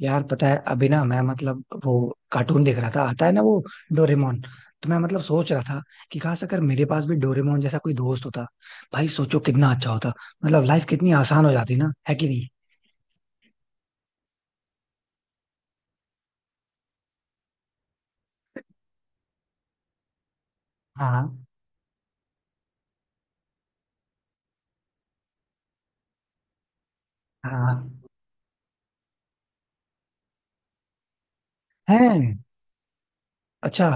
यार पता है अभी ना मैं मतलब वो कार्टून देख रहा था। आता है ना वो डोरेमोन। तो मैं मतलब सोच रहा था कि काश अगर मेरे पास भी डोरेमोन जैसा कोई दोस्त होता। भाई सोचो कितना अच्छा होता। मतलब लाइफ कितनी आसान हो जाती ना, है कि नहीं। हाँ। हाँ। है। अच्छा।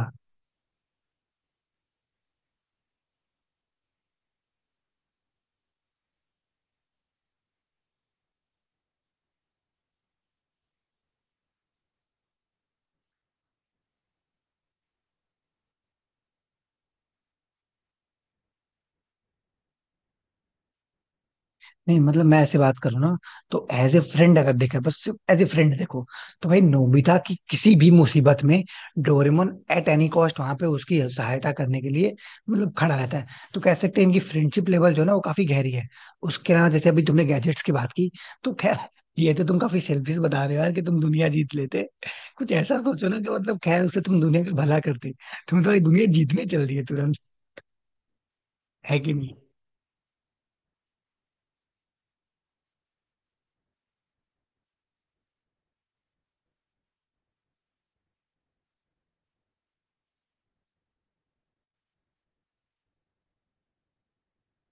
नहीं मतलब मैं ऐसे बात करूँ ना, तो एज ए फ्रेंड अगर देखा, बस एज ए फ्रेंड देखो, तो भाई नोबिता की किसी भी मुसीबत में डोरेमोन एट एनी कॉस्ट वहां पे उसकी सहायता करने के लिए मतलब खड़ा रहता है। तो कह सकते हैं इनकी फ्रेंडशिप लेवल जो है ना वो काफी गहरी है। उसके अलावा जैसे अभी तुमने गैजेट्स की बात की, तो खैर ये तो तुम काफी सेल्फिश बता रहे हो यार, कि तुम दुनिया जीत लेते। कुछ ऐसा सोचो ना कि मतलब खैर उससे तुम दुनिया का भला करते। तुम तो भाई दुनिया जीतने चल रही है तुरंत। है कि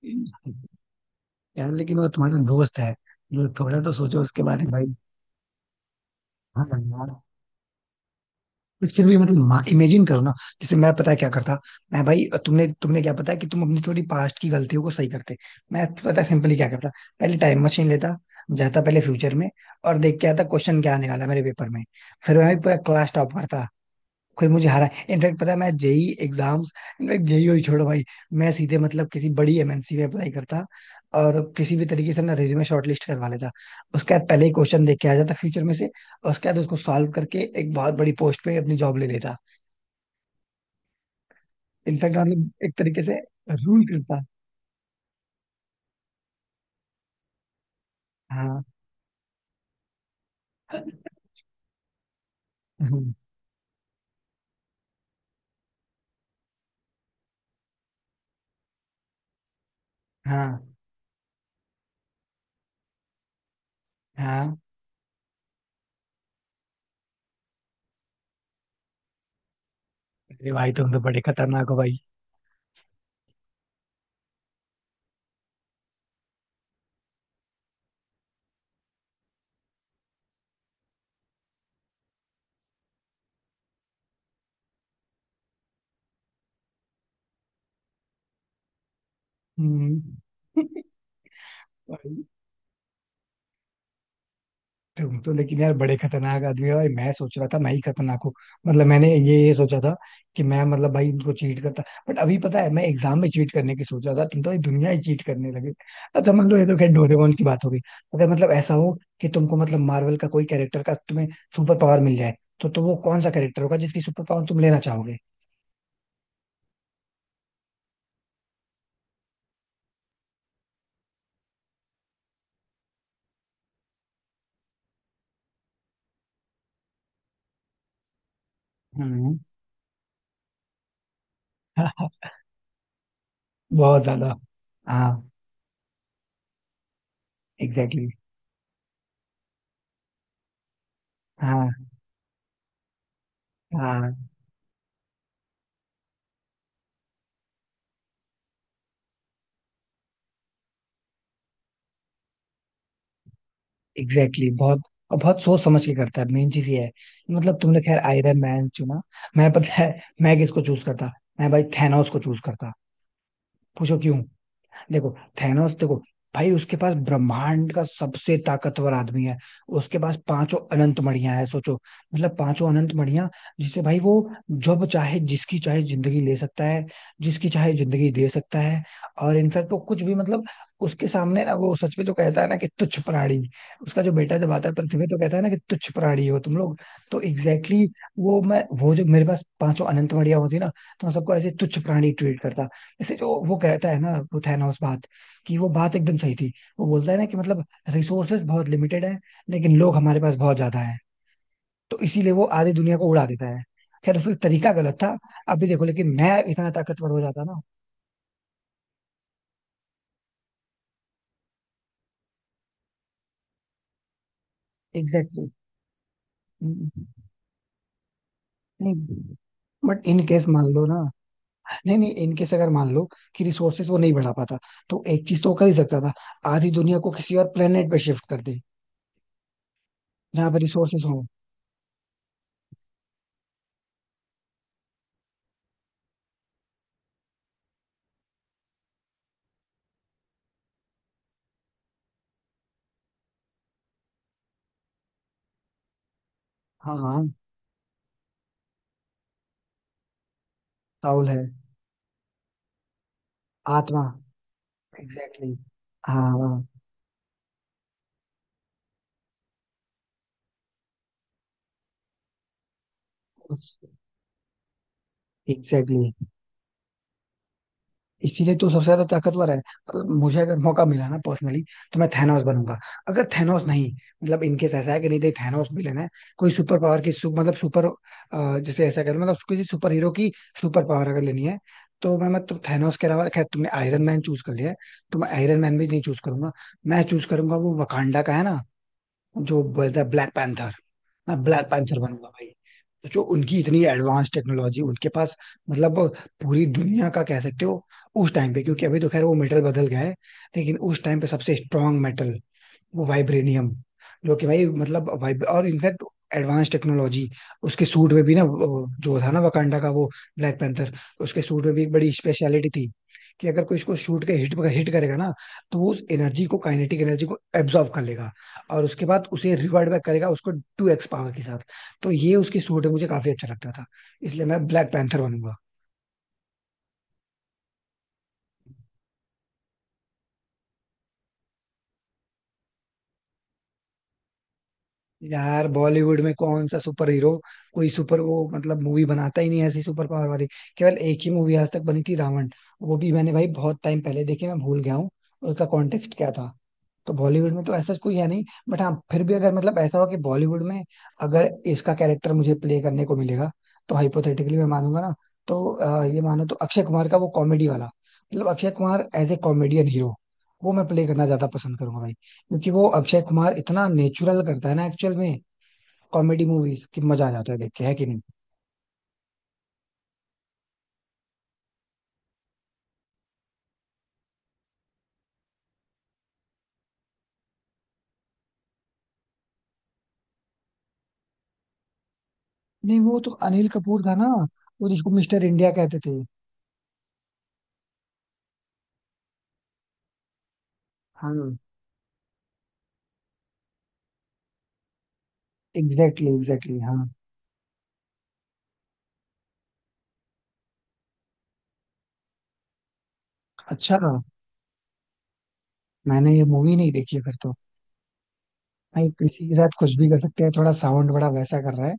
नहीं। यार लेकिन वो तुम्हारा दोस्त है, जो थोड़ा तो सोचो उसके बारे में भाई। हाँ यार, बट फिर भी मतलब इमेजिन करो ना। जैसे मैं पता है क्या करता, मैं भाई तुमने तुमने क्या पता है कि तुम अपनी थोड़ी पास्ट की गलतियों को सही करते। मैं पता है सिंपली क्या करता, पहले टाइम मशीन लेता, जाता पहले फ्यूचर में, और देख के आता क्वेश्चन क्या आने वाला है मेरे पेपर में। फिर मैं भी पूरा क्लास टॉप करता, कोई मुझे हरा। इनफैक्ट पता है मैं जेई एग्जाम्स, इनफैक्ट जेई और छोड़ो भाई, मैं सीधे मतलब किसी बड़ी एमएनसी में अप्लाई करता, और किसी भी तरीके से ना रिज्यूमे शॉर्टलिस्ट करवा लेता। उसके बाद पहले ही क्वेश्चन देख के आ जाता फ्यूचर में से, और उसके बाद उसको सॉल्व करके एक बहुत बड़ी पोस्ट पे अपनी जॉब ले लेता। इनफैक्ट मतलब एक तरीके से रूल करता। हाँ। हम्म। हाँ हाँ। अरे भाई तुम तो बड़े खतरनाक हो भाई। हम्म। भाई तुम तो लेकिन यार बड़े खतरनाक आदमी हो भाई। मैं सोच रहा था मैं ही खतरनाक हूँ। मतलब मैंने ये सोचा था कि मैं मतलब भाई उनको चीट करता। बट अभी पता है मैं एग्जाम में चीट करने की सोच रहा था, तुम तो भाई दुनिया ही चीट करने लगे। अच्छा मान लो, ये तो खैर डोरेमोन की बात हो गई। अगर मतलब ऐसा हो कि तुमको मतलब मार्वल का कोई कैरेक्टर का तुम्हें सुपर पावर मिल जाए, तो वो कौन सा कैरेक्टर होगा जिसकी सुपर पावर तुम लेना चाहोगे। हम्म। बहुत ज्यादा। हाँ। एग्जैक्टली। हाँ। हाँ एग्जैक्टली exactly, बहुत और बहुत सोच समझ के करता है, मेन चीज ये है। मतलब तुमने खैर आयरन मैन चुना, मैं पता है मैं किसको चूज करता। मैं भाई थैनोस को चूज करता। पूछो क्यों। देखो थैनोस देखो, भाई उसके पास ब्रह्मांड का सबसे ताकतवर आदमी है। उसके पास पांचों अनंत मणियां है सोचो, मतलब पांचों अनंत मणियां, जिससे भाई वो जब चाहे जिसकी चाहे जिंदगी ले सकता है, जिसकी चाहे जिंदगी दे सकता है। और इनफैक्ट वो कुछ भी मतलब उसके सामने ना वो सच में जो कहता है ना कि तुच्छ प्राणी। उसका जो बेटा जब आता है पृथ्वी पे तो कहता है ना कि तुच्छ प्राणी हो तुम लोग। तो एग्जैक्टली exactly, वो मैं वो जो मेरे पास पांचों अनंत मणियां होती ना, तो मैं सबको ऐसे तुच्छ प्राणी ट्रीट करता। जैसे जो वो कहता है ना वो थैनोस बात, कि वो बात एकदम सही थी। वो बोलता है ना कि मतलब रिसोर्सेज बहुत लिमिटेड है, लेकिन लोग हमारे पास बहुत ज्यादा है, तो इसीलिए वो आधी दुनिया को उड़ा देता है। खैर उसका तरीका गलत था। अभी देखो लेकिन मैं इतना ताकतवर हो जाता ना। Exactly exactly. नहीं बट इन केस मान लो ना, नहीं नहीं इन केस अगर मान लो कि रिसोर्सेज वो नहीं बढ़ा पाता, तो एक चीज तो वो कर ही सकता था, आधी दुनिया को किसी और प्लेनेट पे शिफ्ट कर दे, जहाँ पे रिसोर्सेज हो। हाँ हाँ। साउल है। आत्मा। एग्जैक्टली। हाँ। Exactly exactly. इसीलिए तू सबसे ज्यादा ताकतवर है। मतलब मुझे अगर मौका मिला ना पर्सनली, तो मैं थैनोस बनूंगा। अगर थैनोस नहीं, मतलब इनकेस ऐसा है कि नहीं नहीं थैनोस भी लेना है कोई सुपर पावर की मतलब सुपर, जैसे ऐसा कर मतलब किसी सुपर हीरो की सुपर पावर अगर लेनी है, तो मैं मतलब थैनोस के अलावा, खैर तुमने आयरन मैन चूज कर लिया है, तो मैं आयरन मैन भी नहीं चूज करूंगा। मैं चूज करूंगा वो वकांडा का है ना, जो बोलता है ब्लैक पैंथर। मैं ब्लैक पैंथर बनूंगा भाई। तो जो उनकी इतनी एडवांस टेक्नोलॉजी उनके पास मतलब पूरी दुनिया का कह सकते हो उस टाइम पे, क्योंकि अभी तो खैर वो मेटल बदल गया है, लेकिन उस टाइम पे सबसे स्ट्रांग मेटल वो वाइब्रेनियम, जो कि भाई मतलब वाइब, और इनफैक्ट एडवांस टेक्नोलॉजी। उसके सूट में भी ना वो जो था ना वकांडा का वो ब्लैक पैंथर, उसके सूट में भी एक बड़ी स्पेशलिटी थी कि अगर कोई इसको शूट के हिट हिट करेगा ना, तो वो उस एनर्जी को काइनेटिक एनर्जी को एब्जॉर्ब कर लेगा, और उसके बाद उसे रिवर्ट बैक करेगा उसको 2x पावर के साथ। तो ये उसकी सूट है, मुझे काफी अच्छा लगता था, इसलिए मैं ब्लैक पैंथर बनूंगा। यार बॉलीवुड में कौन सा सुपर हीरो, कोई सुपर वो मतलब मूवी बनाता ही नहीं है ऐसी सुपर पावर वाली। केवल एक ही मूवी आज तक बनी थी रावण, वो भी मैंने भाई बहुत टाइम पहले देखी, मैं भूल गया हूँ उसका कॉन्टेक्स्ट क्या था। तो बॉलीवुड में तो ऐसा कोई है नहीं। बट हाँ फिर भी अगर मतलब ऐसा हो कि बॉलीवुड में अगर इसका कैरेक्टर मुझे प्ले करने को मिलेगा, तो हाइपोथेटिकली मैं मानूंगा ना, तो ये मानो तो अक्षय कुमार का वो कॉमेडी वाला, मतलब Akshay Kumar as a comedian hero, वो मैं प्ले करना ज्यादा पसंद करूंगा भाई, क्योंकि वो अक्षय कुमार इतना नेचुरल करता है ना एक्चुअल में। कॉमेडी मूवीज की मजा आ जाता है देख के, है कि नहीं। नहीं वो तो अनिल कपूर था ना, वो जिसको मिस्टर इंडिया कहते थे। हाँ एग्जैक्टली एग्जैक्टली हाँ। अच्छा मैंने ये मूवी नहीं देखी है फिर तो। भाई किसी के साथ कुछ भी कर सकते हैं, थोड़ा साउंड बड़ा वैसा कर रहा है,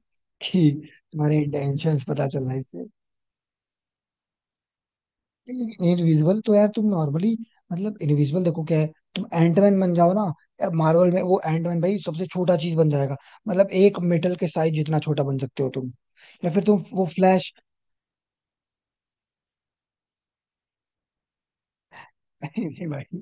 कि तुम्हारे इंटेंशंस पता चल रहा है इससे। इनविजिबल तो यार तुम नॉर्मली, मतलब इनविजिबल देखो क्या है, तुम एंटमैन बन जाओ ना। यार मार्वल में वो एंटमैन भाई सबसे छोटा चीज बन जाएगा, मतलब एक मेटल के साइज जितना छोटा बन सकते हो तुम। या फिर तुम वो फ्लैश। नहीं नहीं भाई,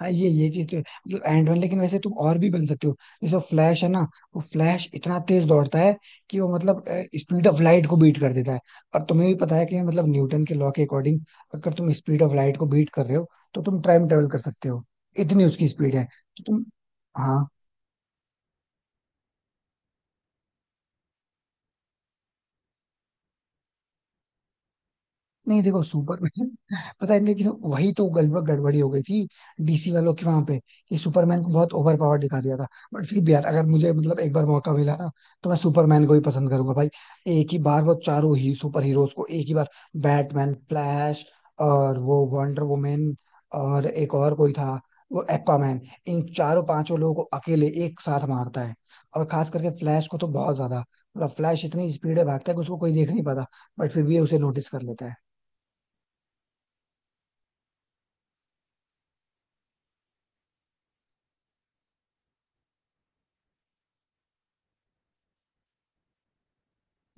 हाँ ये चीज तो है। मतलब एंड वन, लेकिन वैसे तुम और भी बन सकते हो, जैसे फ्लैश है ना, वो फ्लैश इतना तेज दौड़ता है कि वो मतलब स्पीड ऑफ लाइट को बीट कर देता है। और तुम्हें भी पता है कि मतलब न्यूटन के लॉ के अकॉर्डिंग, अगर तुम स्पीड ऑफ लाइट को बीट कर रहे हो, तो तुम टाइम ट्रेवल कर सकते हो, इतनी उसकी स्पीड है। तो तुम, हाँ, नहीं देखो सुपरमैन पता है, लेकिन वही तो गड़बड़ी हो गई थी डीसी वालों की वहां पे, कि सुपरमैन को बहुत ओवर पावर दिखा दिया था। बट फिर भी यार अगर मुझे मतलब एक बार मौका मिला ना, तो मैं सुपरमैन को ही पसंद करूंगा भाई। एक ही बार वो चारों ही सुपर हीरोज को एक ही बार, बैटमैन फ्लैश और वो वंडर वुमेन, और एक और कोई था वो एक्वामैन, इन चारों पांचों लोगों को अकेले एक साथ मारता है। और खास करके फ्लैश को तो बहुत ज्यादा, मतलब फ्लैश इतनी स्पीड है भागता है कि उसको कोई देख नहीं पाता, बट फिर भी उसे नोटिस कर लेता है।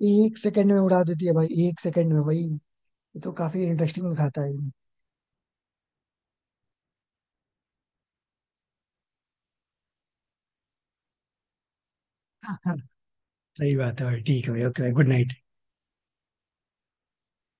एक सेकंड में उड़ा देती है भाई एक सेकंड में भाई। ये तो काफी इंटरेस्टिंग दिखाता है। सही बात है भाई, ठीक है भाई, ओके भाई, गुड नाइट।